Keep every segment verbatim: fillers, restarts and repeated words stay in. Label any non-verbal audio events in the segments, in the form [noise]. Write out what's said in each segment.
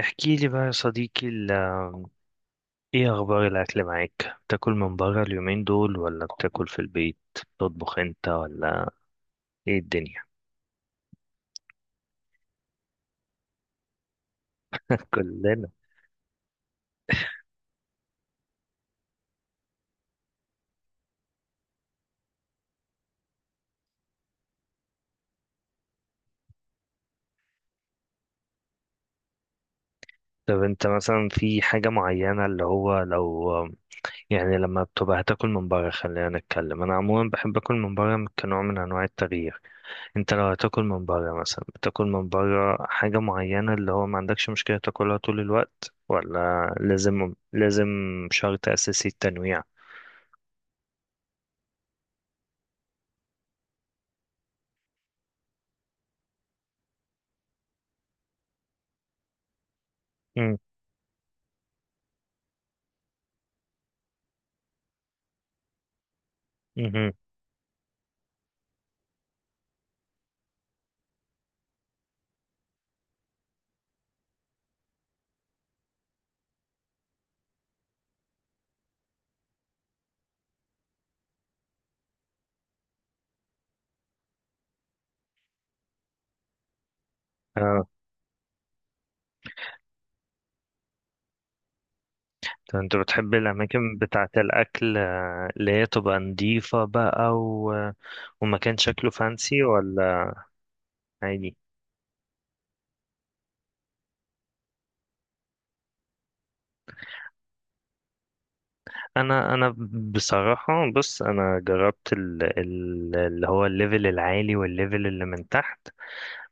احكي لي بقى يا صديقي ال- ايه اخبار الاكل معاك؟ بتاكل من بره اليومين دول ولا بتاكل في البيت؟ تطبخ انت ولا ايه الدنيا؟ كلنا. طب انت مثلا في حاجة معينة اللي هو لو يعني لما بتبقى هتاكل من بره، خلينا نتكلم، انا عموما بحب اكل من بره كنوع من انواع التغيير. انت لو هتاكل من بره مثلا بتاكل من بره حاجة معينة اللي هو ما عندكش مشكلة تاكلها طول الوقت، ولا لازم لازم شرط اساسي التنويع؟ مم. اه. طب انت بتحب الاماكن بتاعه الاكل، آه، اللي هي تبقى نضيفه بقى، و... ومكان شكله فانسي ولا عادي؟ انا انا بصراحه بص، انا جربت ال... ال... اللي هو الليفل العالي والليفل اللي من تحت،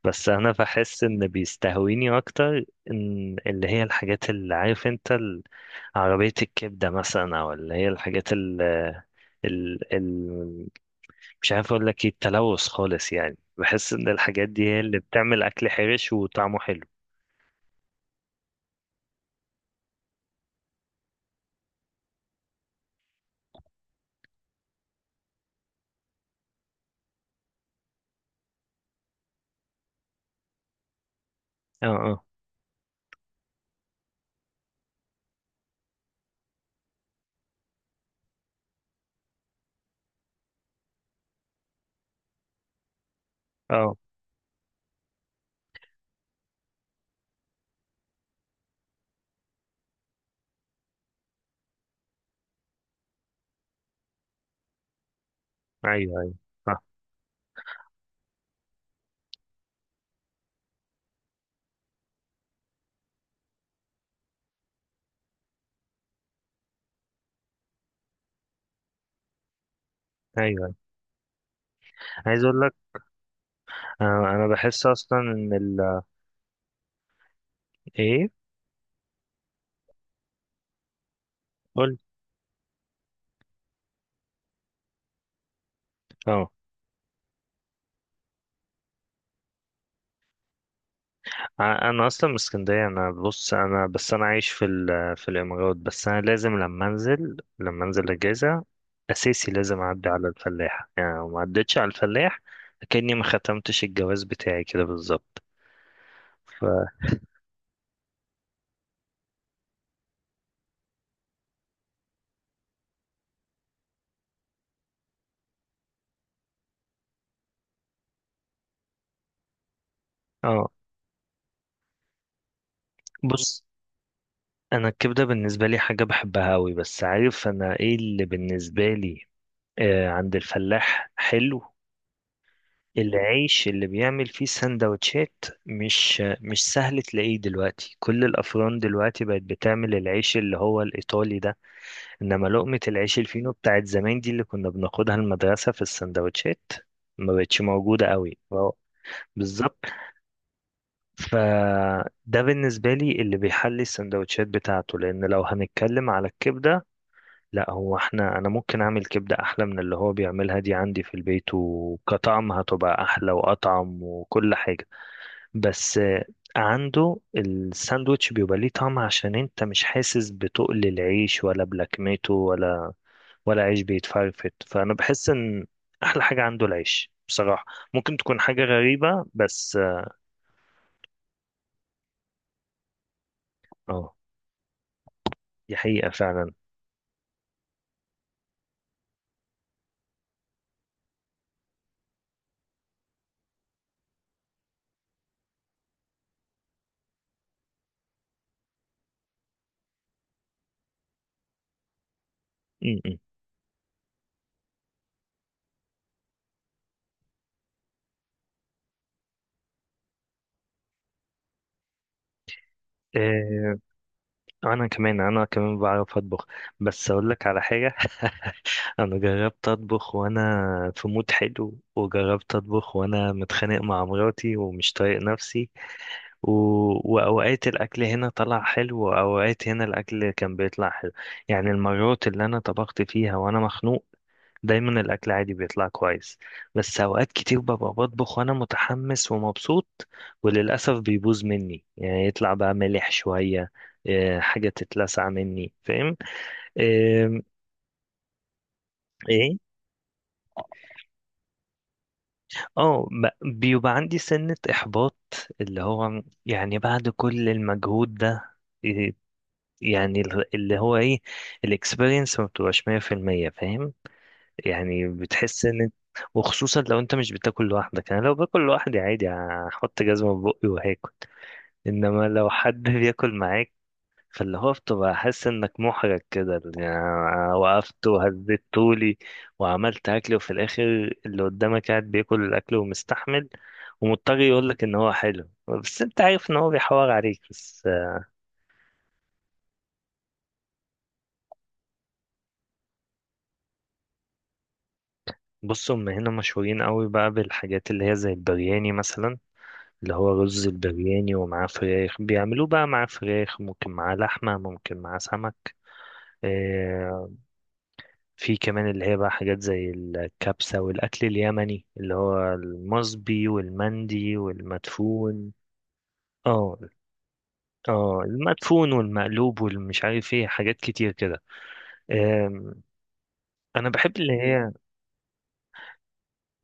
بس انا بحس ان بيستهويني اكتر ان اللي هي الحاجات، اللي عارف انت ال... عربيه الكبده مثلا، او اللي هي الحاجات ال... ال... مش عارف اقول لك ايه، التلوث خالص يعني، بحس ان الحاجات دي هي اللي بتعمل اكل حرش وطعمه حلو. اه، اه. اه. ايوه ايوه. صح. ايوه، أيوة. عايز اقول لك. آه انا بحس اصلا ان ال ايه. قلت. اه. ع- انا اصلا من اسكندريه، انا بص، انا بس انا عايش في ال- في الامارات، بس انا لازم لما انزل لما انزل اجازه اساسي لازم اعدي على الفلاح. يعني لو ما عدتش على الفلاح كاني ما ختمتش الجواز بتاعي كده بالظبط. ف اه بص، انا الكبده بالنسبه لي حاجه بحبها قوي، بس عارف انا ايه اللي بالنسبه لي؟ آه عند الفلاح حلو. العيش اللي بيعمل فيه سندوتشات مش مش سهل تلاقيه دلوقتي. كل الافران دلوقتي بقت بتعمل العيش اللي هو الايطالي ده. انما لقمه العيش الفينو بتاعت زمان دي، اللي كنا بناخدها المدرسه في السندوتشات، ما بقتش موجوده قوي أه، بالظبط. فده بالنسبه لي اللي بيحلي السندوتشات بتاعته، لان لو هنتكلم على الكبده، لا، هو احنا، انا ممكن اعمل كبدة احلى من اللي هو بيعملها دي عندي في البيت، وكطعم هتبقى احلى واطعم وكل حاجة. بس آه، عنده الساندوتش بيبقى ليه طعم، عشان انت مش حاسس بتقل العيش ولا بلكمته ولا ولا عيش بيتفرفت. فانا بحس ان احلى حاجة عنده العيش بصراحة. ممكن تكون حاجة غريبة بس اه. آه، دي حقيقة فعلا. م- م. آه، انا كمان انا كمان بعرف اطبخ. بس اقول لك على حاجة، انا جربت اطبخ وانا في مود حلو، وجربت اطبخ وانا متخانق مع مراتي ومش طايق نفسي، و... واوقات الاكل هنا طلع حلو، واوقات هنا الاكل كان بيطلع حلو. يعني المرات اللي انا طبخت فيها وانا مخنوق، دايما الاكل عادي بيطلع كويس، بس اوقات كتير ببقى بطبخ وانا متحمس ومبسوط، وللاسف بيبوظ مني. يعني يطلع بقى مالح شوية، إيه، حاجة تتلسع مني، فاهم؟ إيه. اه ب- بيبقى عندي سنة إحباط، اللي هو يعني بعد كل المجهود ده، إيه، يعني ال- اللي هو ايه، الاكسبيرينس ما بتبقاش مية في المية فاهم، يعني بتحس ان، وخصوصا لو انت مش بتاكل لوحدك. انا لو باكل لوحدي عادي هحط جزمة في بقي وهاكل، انما لو حد [laughs] بياكل معايا، فاللي هو بتبقى حاسس انك محرج كده. يعني أنا وقفت وهزيت طولي وعملت اكل، وفي الاخر اللي قدامك قاعد بياكل الاكل ومستحمل، ومضطر يقول لك ان هو حلو بس انت عارف ان هو بيحور عليك بس. بص، هم هنا مشهورين قوي بقى بالحاجات اللي هي زي البرياني مثلا، اللي هو رز البرياني ومعاه فراخ، بيعملوه بقى معاه فراخ، ممكن معاه لحمة، ممكن معاه سمك آه، في كمان اللي هي بقى حاجات زي الكبسة والأكل اليمني اللي هو المصبي والمندي والمدفون. اه. اه، المدفون والمقلوب والمش عارف ايه، حاجات كتير كده. أم، انا بحب اللي هي،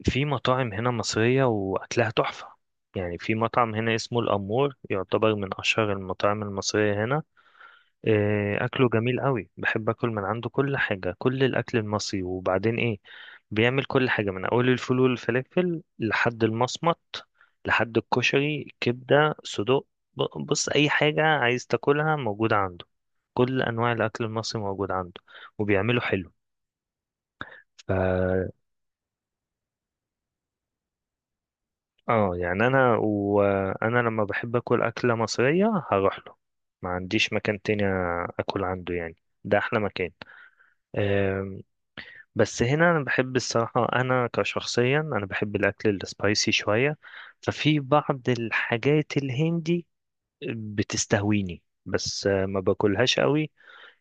في مطاعم هنا مصرية واكلها تحفة. يعني في مطعم هنا اسمه الأمور يعتبر من أشهر المطاعم المصرية هنا. إيه، اكله جميل قوي، بحب اكل من عنده كل حاجه، كل الاكل المصري، وبعدين ايه، بيعمل كل حاجه من اول الفول والفلافل لحد المصمت، لحد الكشري، كبده صدوق. ب- بص، اي حاجه عايز تاكلها موجوده عنده. كل انواع الاكل المصري موجود عنده، وبيعمله حلو. ف اه يعني انا، وانا لما بحب اكل اكله مصريه هروح له. ما عنديش مكان تاني اكل عنده يعني، ده احلى مكان. بس هنا انا بحب الصراحه، انا كشخصيا انا بحب الاكل السبايسي شويه، ففي بعض الحاجات الهندي بتستهويني، بس آه، ما باكلهاش قوي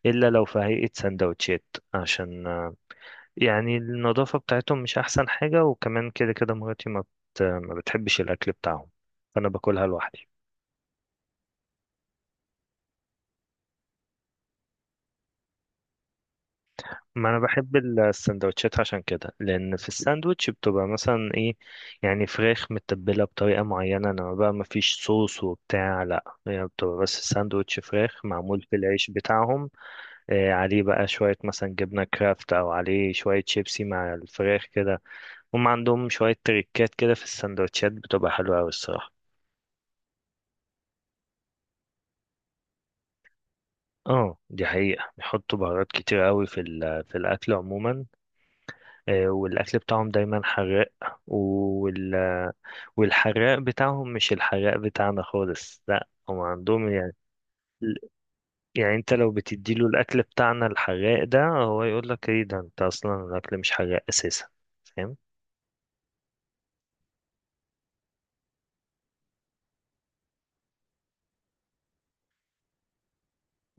الا لو في هيئه سندوتشات، عشان آه، يعني النظافه بتاعتهم مش احسن حاجه، وكمان كده كده مراتي ما بت- ما بتحبش الاكل بتاعهم، فانا باكلها لوحدي. ما انا بحب السندوتشات عشان كده، لان في الساندوتش بتبقى مثلا ايه، يعني فراخ متبله بطريقه معينه، انما بقى ما فيش صوص وبتاع، لا، هي بتبقى بس ساندوتش فراخ معمول في العيش بتاعهم. آه، عليه بقى شويه مثلا جبنه كرافت، او عليه شويه شيبسي مع الفراخ كده. هم عندهم شويه تريكات كده في السندوتشات بتبقى حلوه قوي الصراحه. اه، دي حقيقة، بيحطوا بهارات كتير قوي في ال- في الأكل عموما. آه، والأكل بتاعهم دايما حراق، وال... والحراق بتاعهم مش الحراق بتاعنا خالص، لا هم عندهم يعني، يعني انت لو بتديله الأكل بتاعنا الحراق ده، هو يقول لك ايه ده، انت أصلا الأكل مش حراق أساسا، فاهم؟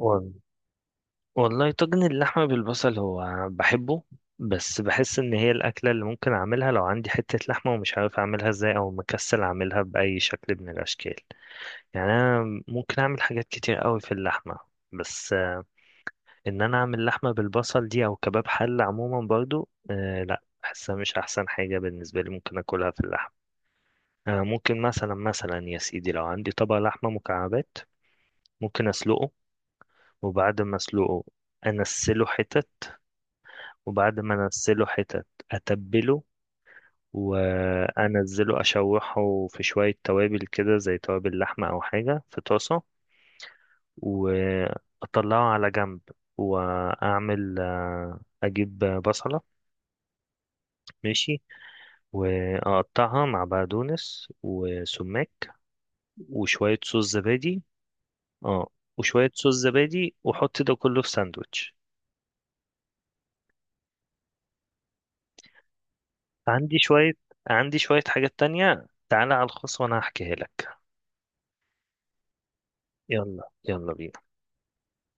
وال- والله طاجن اللحمة بالبصل هو بحبه، بس بحس ان هي الأكلة اللي ممكن أعملها لو عندي حتة لحمة ومش عارف أعملها ازاي، أو مكسل أعملها بأي شكل من الأشكال. يعني أنا ممكن أعمل حاجات كتير قوي في اللحمة، بس ان انا اعمل لحمه بالبصل دي او كباب حله عموما برضو آه، لا بحسها مش احسن حاجه بالنسبه لي ممكن اكلها في اللحم. آه، ممكن مثلا، مثلا يا سيدي، لو عندي طبق لحمه مكعبات، ممكن اسلقه، وبعد ما اسلقه انسله حتت، وبعد ما انسله حتت اتبله، وانزله اشوحه في شويه توابل كده زي توابل لحمه او حاجه في طاسه، واطلعه على جنب، واعمل آه، اجيب بصله، ماشي، واقطعها مع بقدونس وسماق، وشوية صوص زبادي. اه، وشوية صوص زبادي واحط ده كله في ساندوتش. عندي شوية عندي شوية حاجات تانية، تعالى على الخاص وانا هحكيها لك. يلا يلا بينا.